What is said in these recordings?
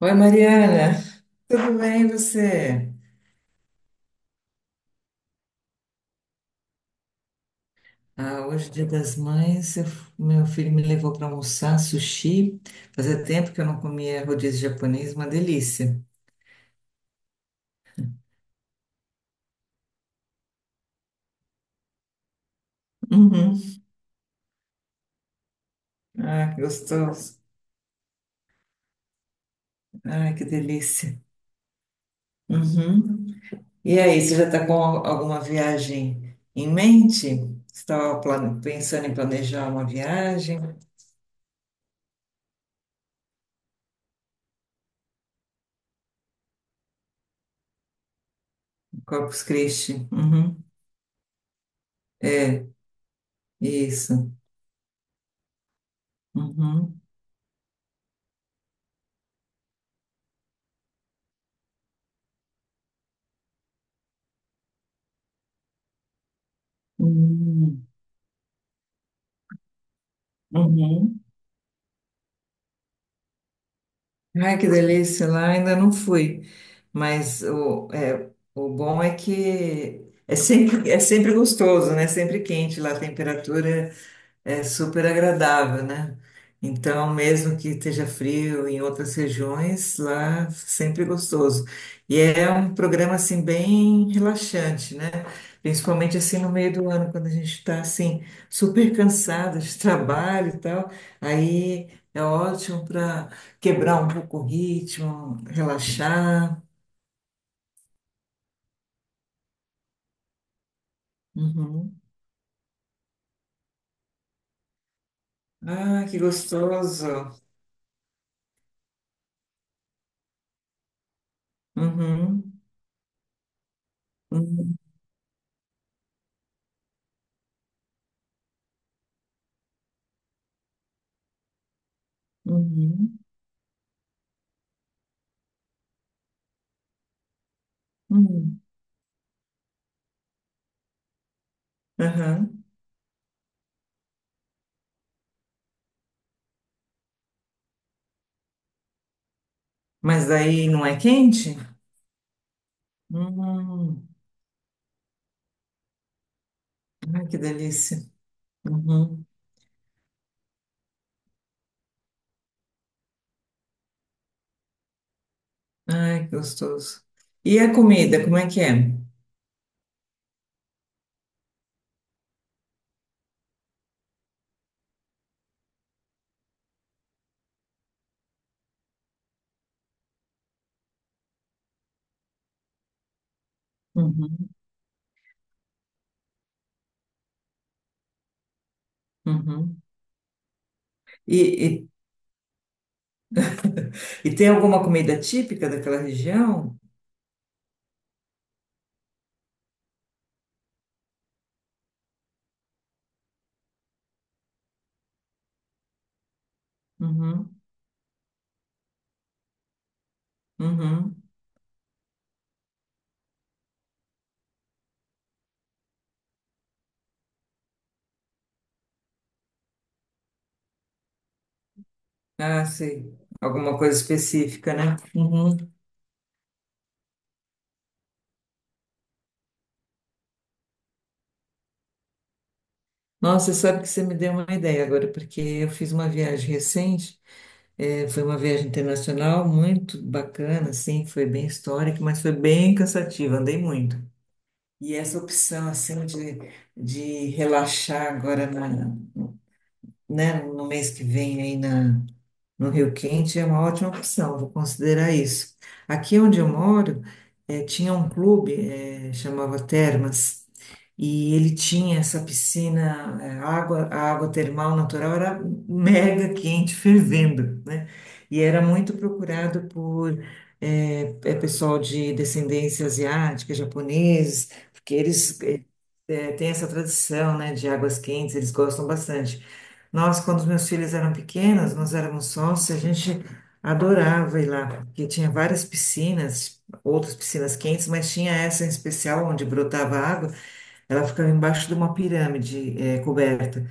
Oi, Mariana, tudo bem e você? Ah, hoje, Dia das Mães, meu filho me levou para almoçar sushi. Fazia tempo que eu não comia rodízio japonês, uma delícia. Uhum. Ah, que gostoso. Ah, que delícia. Uhum. E aí, você já está com alguma viagem em mente? Você estava pensando em planejar uma viagem? Corpus Christi. Uhum. É, isso. Uhum. Uhum. Uhum. Ai, que delícia, lá ainda não fui, mas o bom é que é sempre gostoso, né? Sempre quente lá, a temperatura. É super agradável, né? Então, mesmo que esteja frio em outras regiões, lá sempre gostoso. E é um programa assim bem relaxante, né? Principalmente assim no meio do ano, quando a gente está assim super cansada de trabalho e tal, aí é ótimo para quebrar um pouco o ritmo, relaxar. Uhum. Ah, que gostoso. Uhum. Uhum. Uhum. Uhum. Uhum. Mas daí não é quente? Hum, ai, que delícia. Uhum. Ai, que gostoso. E a comida, como é que é? Uhum, uhum. E, e, e tem alguma comida típica daquela região? Uhum, uhum. Ah, sei. Alguma coisa específica, né? Uhum. Nossa, sabe que você me deu uma ideia agora, porque eu fiz uma viagem recente, foi uma viagem internacional muito bacana, assim, foi bem histórica, mas foi bem cansativa, andei muito. E essa opção assim de relaxar agora né, no mês que vem aí no Rio Quente é uma ótima opção, vou considerar isso. Aqui onde eu moro, tinha um clube, chamava Termas, e ele tinha essa piscina, a água termal natural era mega quente, fervendo, né? E era muito procurado por pessoal de descendência asiática, japoneses, porque eles tem essa tradição, né, de águas quentes, eles gostam bastante. Nós, quando os meus filhos eram pequenos, nós éramos sócios, a gente adorava ir lá, porque tinha várias piscinas, outras piscinas quentes, mas tinha essa em especial onde brotava água, ela ficava embaixo de uma pirâmide, é, coberta.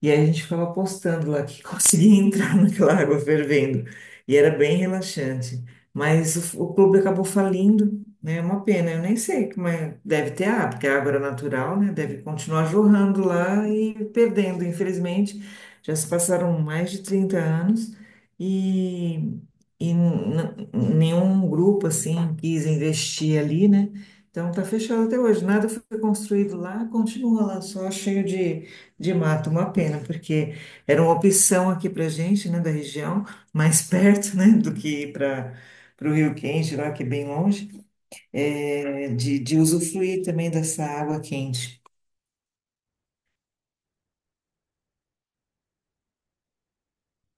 E aí a gente ficava apostando lá que conseguia entrar naquela água fervendo. E era bem relaxante. Mas o clube acabou falindo, né? É uma pena. Eu nem sei como é. Deve ter água, porque a água era natural, né? Deve continuar jorrando lá e perdendo, infelizmente. Já se passaram mais de 30 anos e, nenhum grupo, assim, quis investir ali, né? Então tá fechado até hoje. Nada foi construído lá, continua lá só cheio de mato, uma pena, porque era uma opção aqui para gente, né, da região, mais perto, né, do que ir para o Rio Quente, lá que é bem longe, de usufruir também dessa água quente.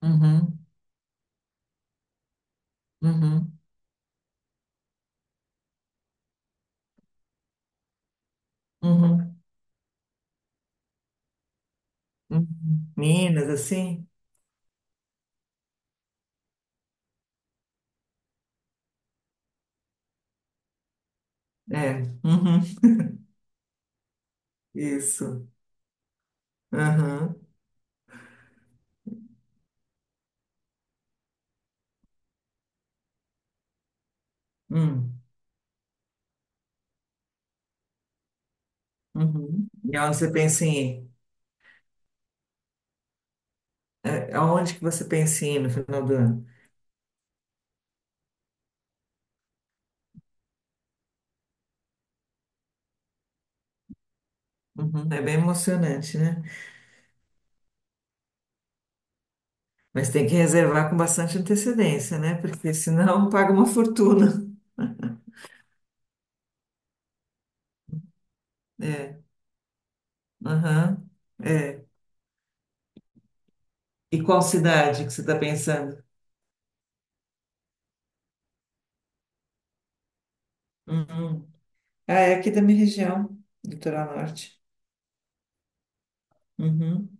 Uhum, uhum, uhum, uhum. Minas, assim? É, uhum, isso. Uhum, hum, uhum. E aonde você pensa em ir? É, aonde que você pensa em ir no final do ano? Uhum, é bem emocionante, né? Mas tem que reservar com bastante antecedência, né? Porque senão paga uma fortuna. É, aham, é. E qual cidade que você está pensando? Uhum. Ah, é aqui da minha região, Litoral Norte. Uhum,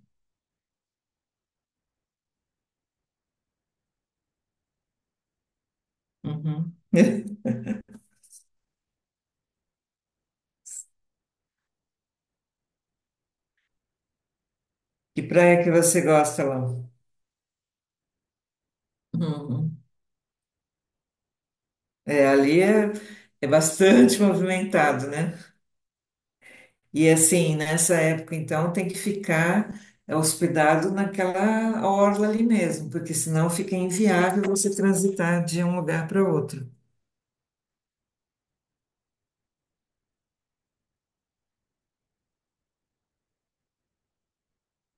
uhum. Que praia que você gosta, lá? Uhum. É, ali é, é bastante movimentado, né? E assim, nessa época, então, tem que ficar hospedado naquela orla ali mesmo, porque senão fica inviável você transitar de um lugar para outro.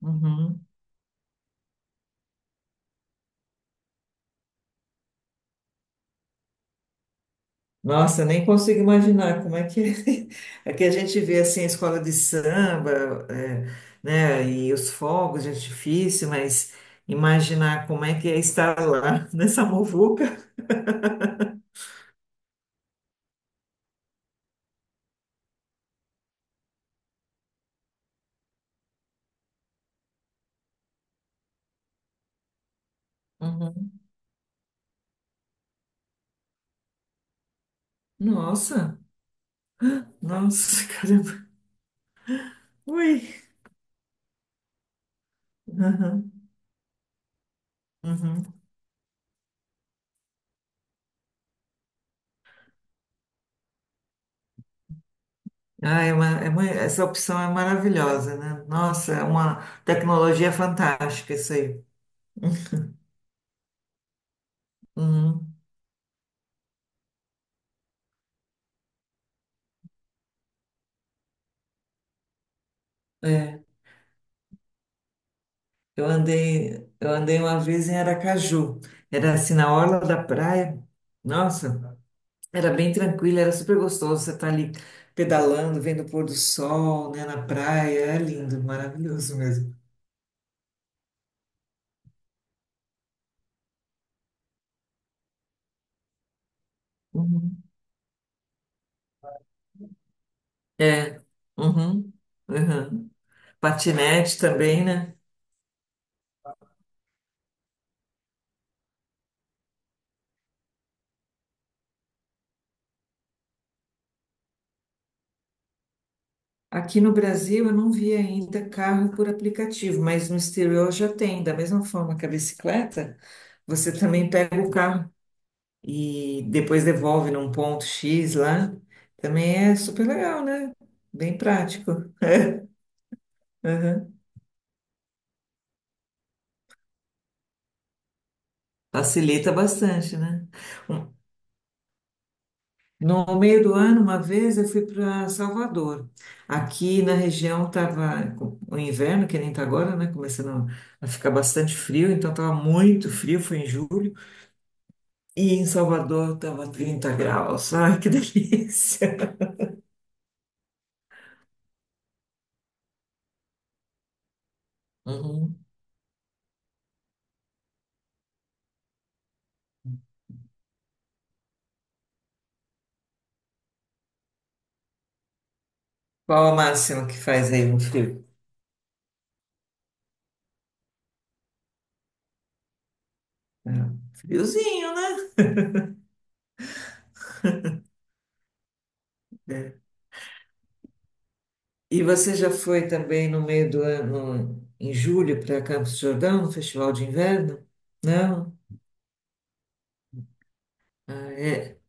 Uhum. Nossa, nem consigo imaginar como é que é que a gente vê assim a escola de samba, é, né, e os fogos de artifício, mas imaginar como é que é estar lá nessa muvuca. Uhum. Nossa, nossa, caramba. Ui. Uhum. Uhum. Ah, é uma, essa opção é maravilhosa, né? Nossa, é uma tecnologia fantástica isso aí. Uhum. É, eu andei uma vez em Aracaju. Era assim na orla da praia. Nossa, era bem tranquilo, era super gostoso. Você tá ali pedalando, vendo o pôr do sol, né, na praia. É lindo, maravilhoso mesmo. Uhum. É. Uhum. Uhum. Patinete também, né? Aqui no Brasil eu não vi ainda carro por aplicativo, mas no exterior já tem. Da mesma forma que a bicicleta, você também pega o carro e depois devolve num ponto X lá. Também é super legal, né? Bem prático. Aham. Facilita bastante, né? Um- No meio do ano, uma vez eu fui para Salvador. Aqui na região estava o inverno, que nem está agora, né? Começando a ficar bastante frio, então estava muito frio, foi em julho. E em Salvador estava 30 graus. Ai, que delícia. Uhum. Qual o máximo que faz aí no frio? É, friozinho, né? É. E você já foi também no meio do ano, em julho, para Campos do Jordão, no Festival de Inverno? Não? Ah, é.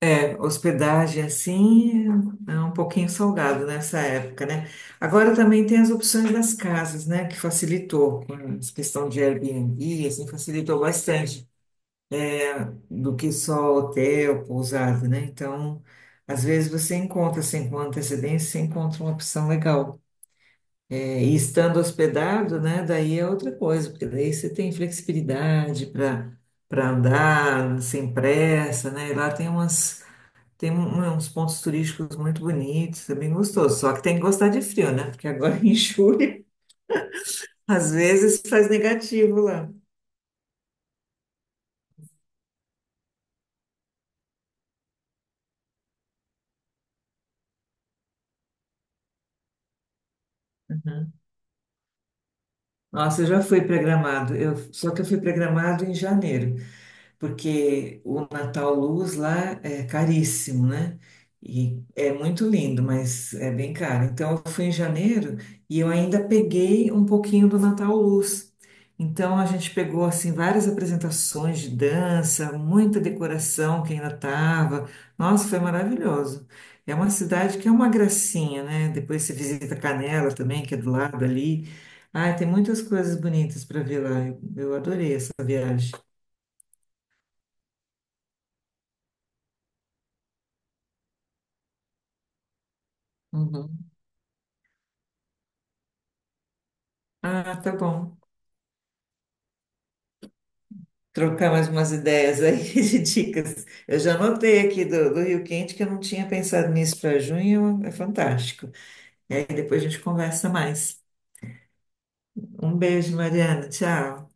É, hospedagem assim é um pouquinho salgado nessa época, né? Agora também tem as opções das casas, né? Que facilitou, com essa questão de Airbnb, assim, facilitou bastante. Do que só hotel, pousada, né? Então, às vezes você encontra, assim, com antecedência, você encontra uma opção legal. É, e estando hospedado, né? Daí é outra coisa, porque daí você tem flexibilidade para andar sem pressa, né? E lá tem umas né, uns pontos turísticos muito bonitos, é bem gostoso. Só que tem que gostar de frio, né? Porque agora em julho, às vezes faz negativo lá. Uhum. Nossa, eu já fui programado. Só que eu fui programado em janeiro. Porque o Natal Luz lá é caríssimo, né? E é muito lindo, mas é bem caro. Então eu fui em janeiro e eu ainda peguei um pouquinho do Natal Luz. Então a gente pegou assim várias apresentações de dança, muita decoração que ainda estava. Nossa, foi maravilhoso. É uma cidade que é uma gracinha, né? Depois você visita Canela também, que é do lado ali. Ah, tem muitas coisas bonitas para ver lá. Eu adorei essa viagem. Uhum. Ah, tá bom. Trocar mais umas ideias aí de dicas. Eu já anotei aqui do Rio Quente que eu não tinha pensado nisso para junho, é fantástico. Aí depois a gente conversa mais. Um beijo, Mariana. Tchau.